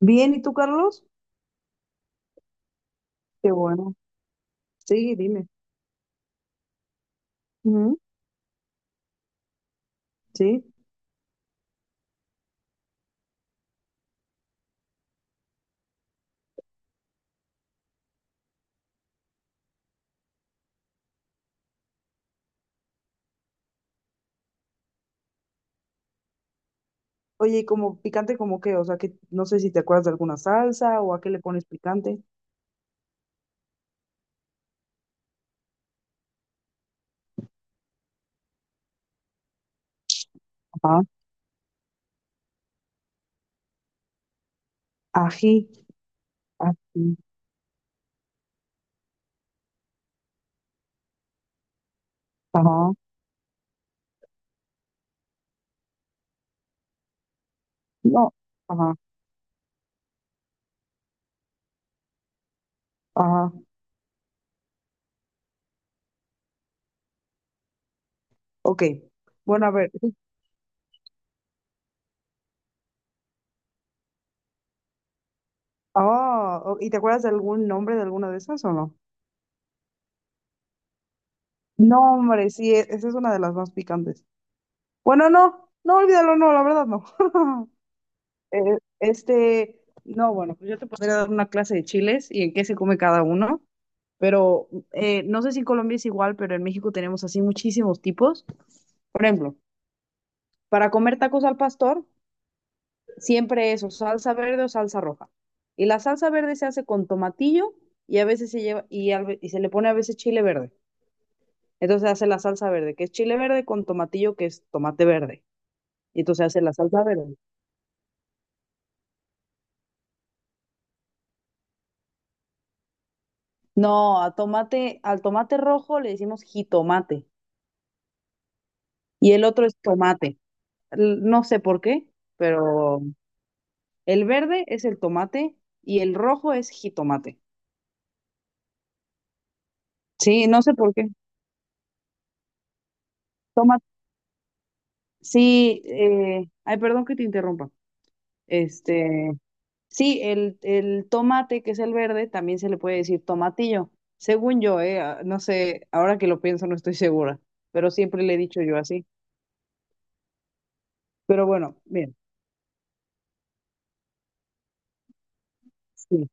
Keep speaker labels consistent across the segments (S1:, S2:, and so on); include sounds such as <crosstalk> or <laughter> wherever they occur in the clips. S1: Bien, ¿y tú, Carlos? Qué bueno. Sí, dime. Ujú, sí. Oye, ¿y como picante como qué? O sea, que no sé si te acuerdas de alguna salsa o a qué le pones picante. Ajá. Ají. Ají. Ajá. No. Ajá. Ajá. Ok. Bueno, a ver. <laughs> Ah, ¿y te acuerdas de algún nombre de alguna de esas o no? No, hombre, sí, esa es una de las más picantes. Bueno, no. No, olvídalo, no, la verdad no. <laughs> Este, no, bueno, pues yo te podría dar una clase de chiles y en qué se come cada uno, pero no sé si en Colombia es igual, pero en México tenemos así muchísimos tipos. Por ejemplo, para comer tacos al pastor, siempre es o salsa verde o salsa roja. Y la salsa verde se hace con tomatillo y a veces se lleva y se le pone a veces chile verde. Entonces se hace la salsa verde, que es chile verde con tomatillo, que es tomate verde. Y entonces se hace la salsa verde. No, a tomate, al tomate rojo le decimos jitomate. Y el otro es tomate. No sé por qué, pero el verde es el tomate y el rojo es jitomate. Sí, no sé por qué. Tomate. Sí, ay, perdón que te interrumpa. Este, sí, el tomate, que es el verde, también se le puede decir tomatillo. Según yo, no sé, ahora que lo pienso no estoy segura, pero siempre le he dicho yo así. Pero bueno, bien. Sí.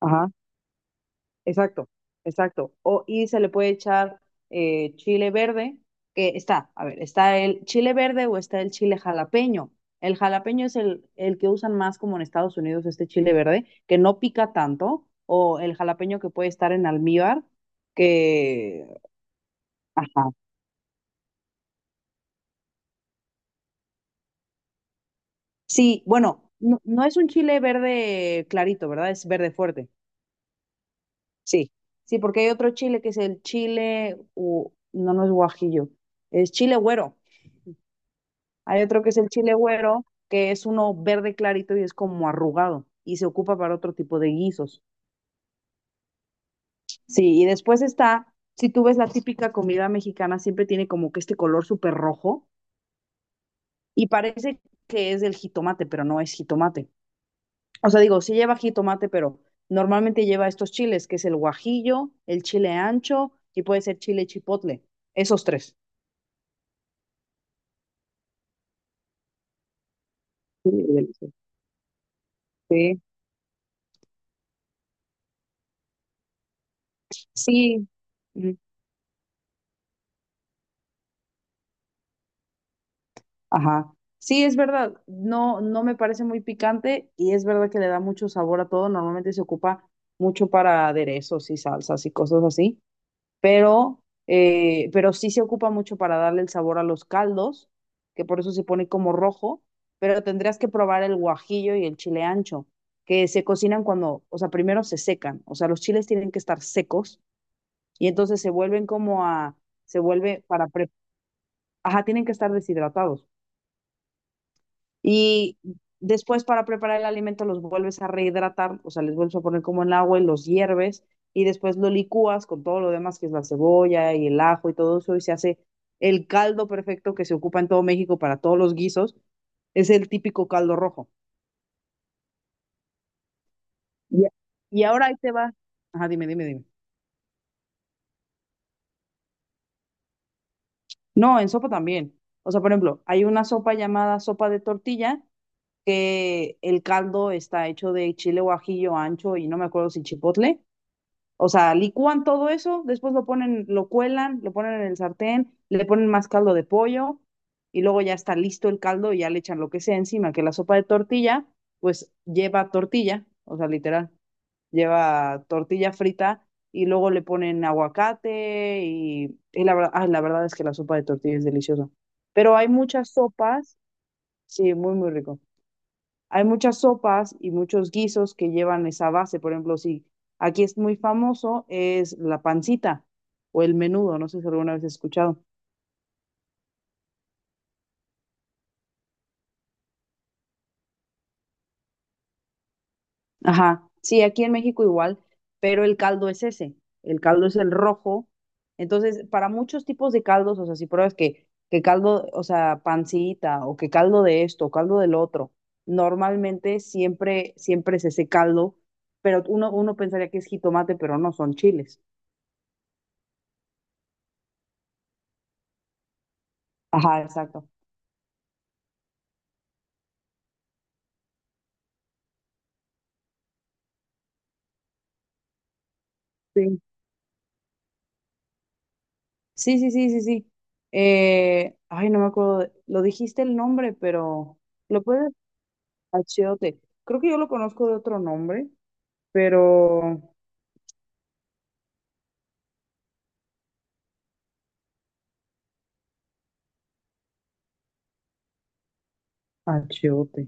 S1: Ajá. Exacto, exacto. O, y se le puede echar chile verde, que está, a ver, está el chile verde o está el chile jalapeño. El jalapeño es el que usan más como en Estados Unidos, este chile verde, que no pica tanto, o el jalapeño que puede estar en almíbar, que... Ajá. Sí, bueno, no, no es un chile verde clarito, ¿verdad? Es verde fuerte. Sí, sí, porque hay otro chile que es el chile, no, no es guajillo, es chile güero. Hay otro que es el chile güero, que es uno verde clarito y es como arrugado y se ocupa para otro tipo de guisos. Sí, y después está, si tú ves la típica comida mexicana, siempre tiene como que este color súper rojo y parece que es del jitomate, pero no es jitomate. O sea, digo, sí lleva jitomate, pero normalmente lleva estos chiles, que es el guajillo, el chile ancho y puede ser chile chipotle. Esos tres. Sí, delicioso. Sí. Sí. Ujú. Ajá. Sí, es verdad. No, no me parece muy picante y es verdad que le da mucho sabor a todo. Normalmente se ocupa mucho para aderezos y salsas y cosas así, pero sí se ocupa mucho para darle el sabor a los caldos, que por eso se pone como rojo, pero tendrías que probar el guajillo y el chile ancho, que se cocinan cuando, o sea, primero se secan, o sea, los chiles tienen que estar secos y entonces se vuelven como a, se vuelve para, ajá, tienen que estar deshidratados. Y después para preparar el alimento los vuelves a rehidratar, o sea, les vuelves a poner como en agua y los hierves y después lo licúas con todo lo demás que es la cebolla y el ajo y todo eso y se hace el caldo perfecto que se ocupa en todo México para todos los guisos. Es el típico caldo rojo. Y y ahora ahí te va. Ajá, dime, dime, dime. No, en sopa también. O sea, por ejemplo, hay una sopa llamada sopa de tortilla que el caldo está hecho de chile guajillo ancho y no me acuerdo si chipotle. O sea, licúan todo eso, después lo ponen, lo cuelan, lo ponen en el sartén, le ponen más caldo de pollo y luego ya está listo el caldo y ya le echan lo que sea encima, que la sopa de tortilla, pues lleva tortilla, o sea, literal, lleva tortilla frita y luego le ponen aguacate y la verdad, ay, la verdad es que la sopa de tortilla es deliciosa. Pero hay muchas sopas, sí, muy, muy rico. Hay muchas sopas y muchos guisos que llevan esa base. Por ejemplo, si aquí es muy famoso, es la pancita o el menudo. No sé si alguna vez has escuchado. Ajá. Sí, aquí en México igual, pero el caldo es ese. El caldo es el rojo. Entonces, para muchos tipos de caldos, o sea, si pruebas que, caldo, o sea, pancita o que caldo de esto, o caldo del otro, normalmente siempre, siempre es ese caldo, pero uno pensaría que es jitomate, pero no, son chiles. Ajá, exacto. Sí. Sí, sí, sí, sí, sí. Ay, no me acuerdo, lo dijiste el nombre, pero lo puedes, Achiote. Creo que yo lo conozco de otro nombre, pero Achiote.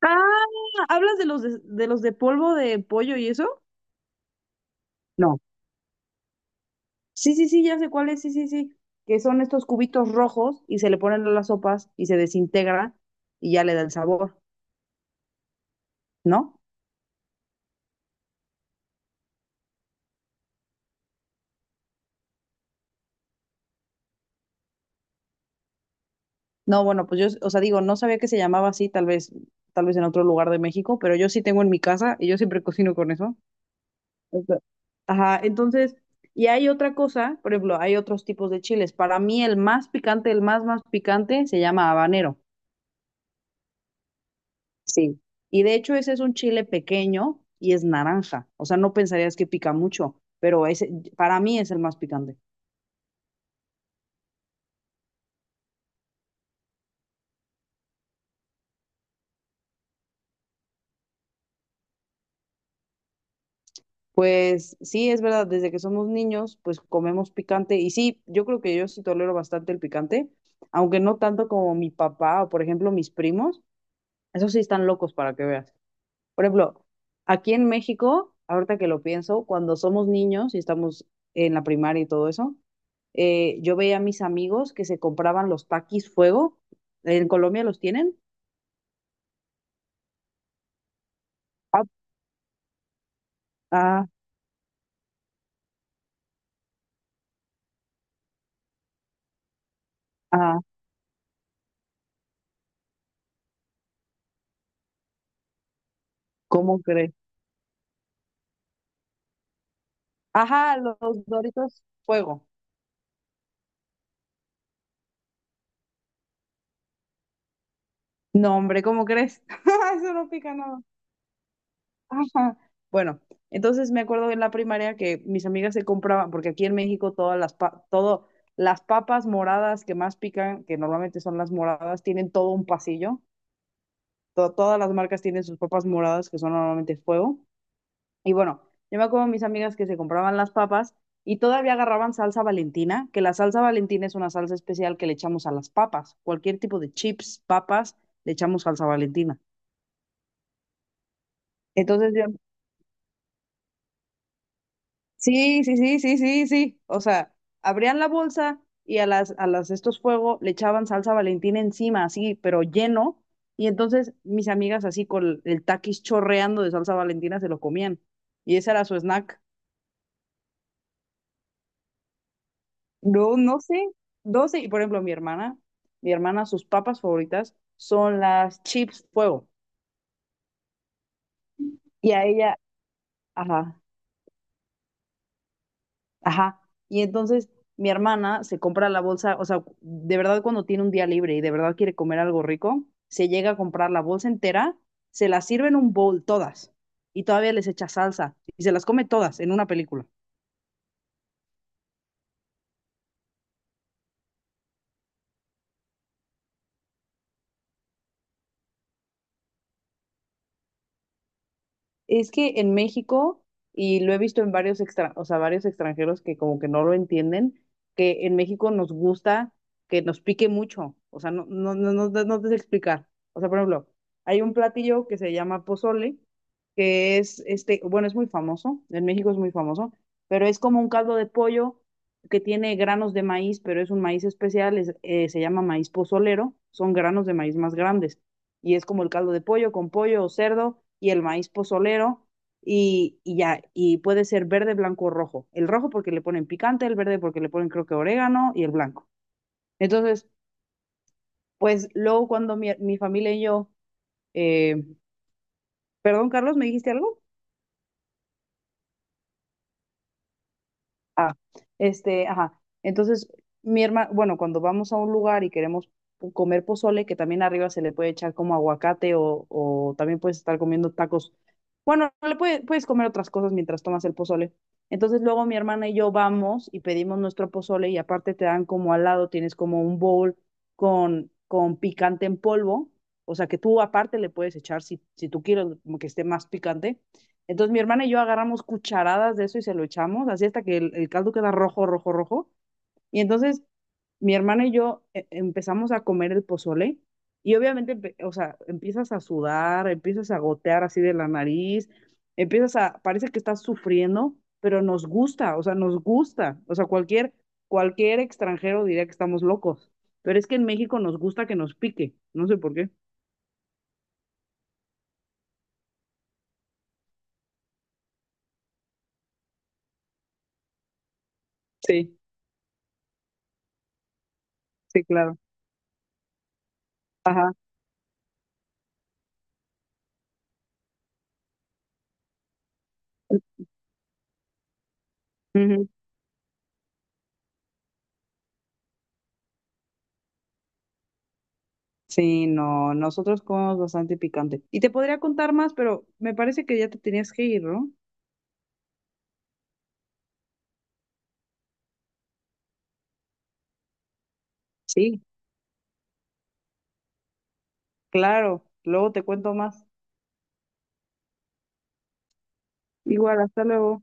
S1: Ah, ¿hablas de los de polvo de pollo y eso? No. Sí, sí, sí, ya sé cuál es, sí, sí, sí. Que son estos cubitos rojos y se le ponen a las sopas y se desintegra y ya le da el sabor, ¿no? No, bueno, pues yo, o sea, digo, no sabía que se llamaba así, tal vez en otro lugar de México, pero yo sí tengo en mi casa y yo siempre cocino con eso. O sea, ajá, entonces, y hay otra cosa, por ejemplo, hay otros tipos de chiles. Para mí el más picante, el más más picante, se llama habanero. Sí, y de hecho ese es un chile pequeño y es naranja. O sea, no pensarías que pica mucho, pero ese para mí es el más picante. Pues sí, es verdad, desde que somos niños, pues comemos picante y sí, yo creo que yo sí tolero bastante el picante, aunque no tanto como mi papá o por ejemplo mis primos, esos sí están locos para que veas. Por ejemplo, aquí en México, ahorita que lo pienso, cuando somos niños y estamos en la primaria y todo eso, yo veía a mis amigos que se compraban los taquis fuego, ¿en Colombia los tienen? Ah, ah, ah, ¿cómo crees? Ajá, los Doritos fuego. No, hombre, ¿cómo crees? <laughs> Eso no pica nada. Ajá. Bueno, entonces me acuerdo en la primaria que mis amigas se compraban, porque aquí en México todo, las papas moradas que más pican, que normalmente son las moradas, tienen todo un pasillo. To- todas las marcas tienen sus papas moradas, que son normalmente fuego. Y bueno, yo me acuerdo de mis amigas que se compraban las papas y todavía agarraban salsa Valentina, que la salsa Valentina es una salsa especial que le echamos a las papas. Cualquier tipo de chips, papas, le echamos salsa Valentina. Entonces yo sí, sí, sí, sí, sí, sí. O sea, abrían la bolsa y a las, estos fuegos le echaban salsa Valentina encima, así, pero lleno. Y entonces mis amigas así con el taquis chorreando de salsa Valentina se lo comían. Y ese era su snack. No, no sé, no sé. Y por ejemplo, mi hermana, sus papas favoritas son las chips fuego. Y a ella, ajá. Ajá. Y entonces mi hermana se compra la bolsa, o sea, de verdad cuando tiene un día libre y de verdad quiere comer algo rico, se llega a comprar la bolsa entera, se la sirve en un bowl todas y todavía les echa salsa y se las come todas en una película. Es que en México, y lo he visto en varios extra, o sea, varios extranjeros que como que no lo entienden, que en México nos gusta que nos pique mucho. O sea, no, no, no, no, no te sé explicar. O sea, por ejemplo, hay un platillo que se llama pozole, que es este, bueno, es muy famoso, en México es muy famoso, pero es como un caldo de pollo que tiene granos de maíz, pero es un maíz especial, es, se llama maíz pozolero, son granos de maíz más grandes y es como el caldo de pollo con pollo o cerdo y el maíz pozolero y ya, y puede ser verde, blanco o rojo. El rojo porque le ponen picante, el verde porque le ponen creo que orégano y el blanco. Entonces, pues luego cuando mi familia y yo, eh, perdón Carlos, ¿me dijiste algo? Ah, este, ajá. Entonces, mi hermana, bueno, cuando vamos a un lugar y queremos comer pozole, que también arriba se le puede echar como aguacate o también puedes estar comiendo tacos. Bueno, puedes comer otras cosas mientras tomas el pozole. Entonces, luego mi hermana y yo vamos y pedimos nuestro pozole y aparte te dan como al lado, tienes como un bowl con, picante en polvo. O sea, que tú aparte le puedes echar si tú quieres como que esté más picante, entonces mi hermana y yo agarramos cucharadas de eso y se lo echamos, así hasta que el caldo queda rojo, rojo, rojo. Y entonces mi hermana y yo empezamos a comer el pozole y obviamente, o sea, empiezas a sudar, empiezas a gotear así de la nariz, empiezas a, parece que estás sufriendo, pero nos gusta, o sea, nos gusta. O sea, cualquier, cualquier extranjero diría que estamos locos, pero es que en México nos gusta que nos pique, no sé por qué. Sí, sí, claro. Ajá. Ujú. Sí, no, nosotros comemos bastante picante. Y te podría contar más, pero me parece que ya te tenías que ir, ¿no? Sí, claro, luego te cuento más. Igual, hasta luego.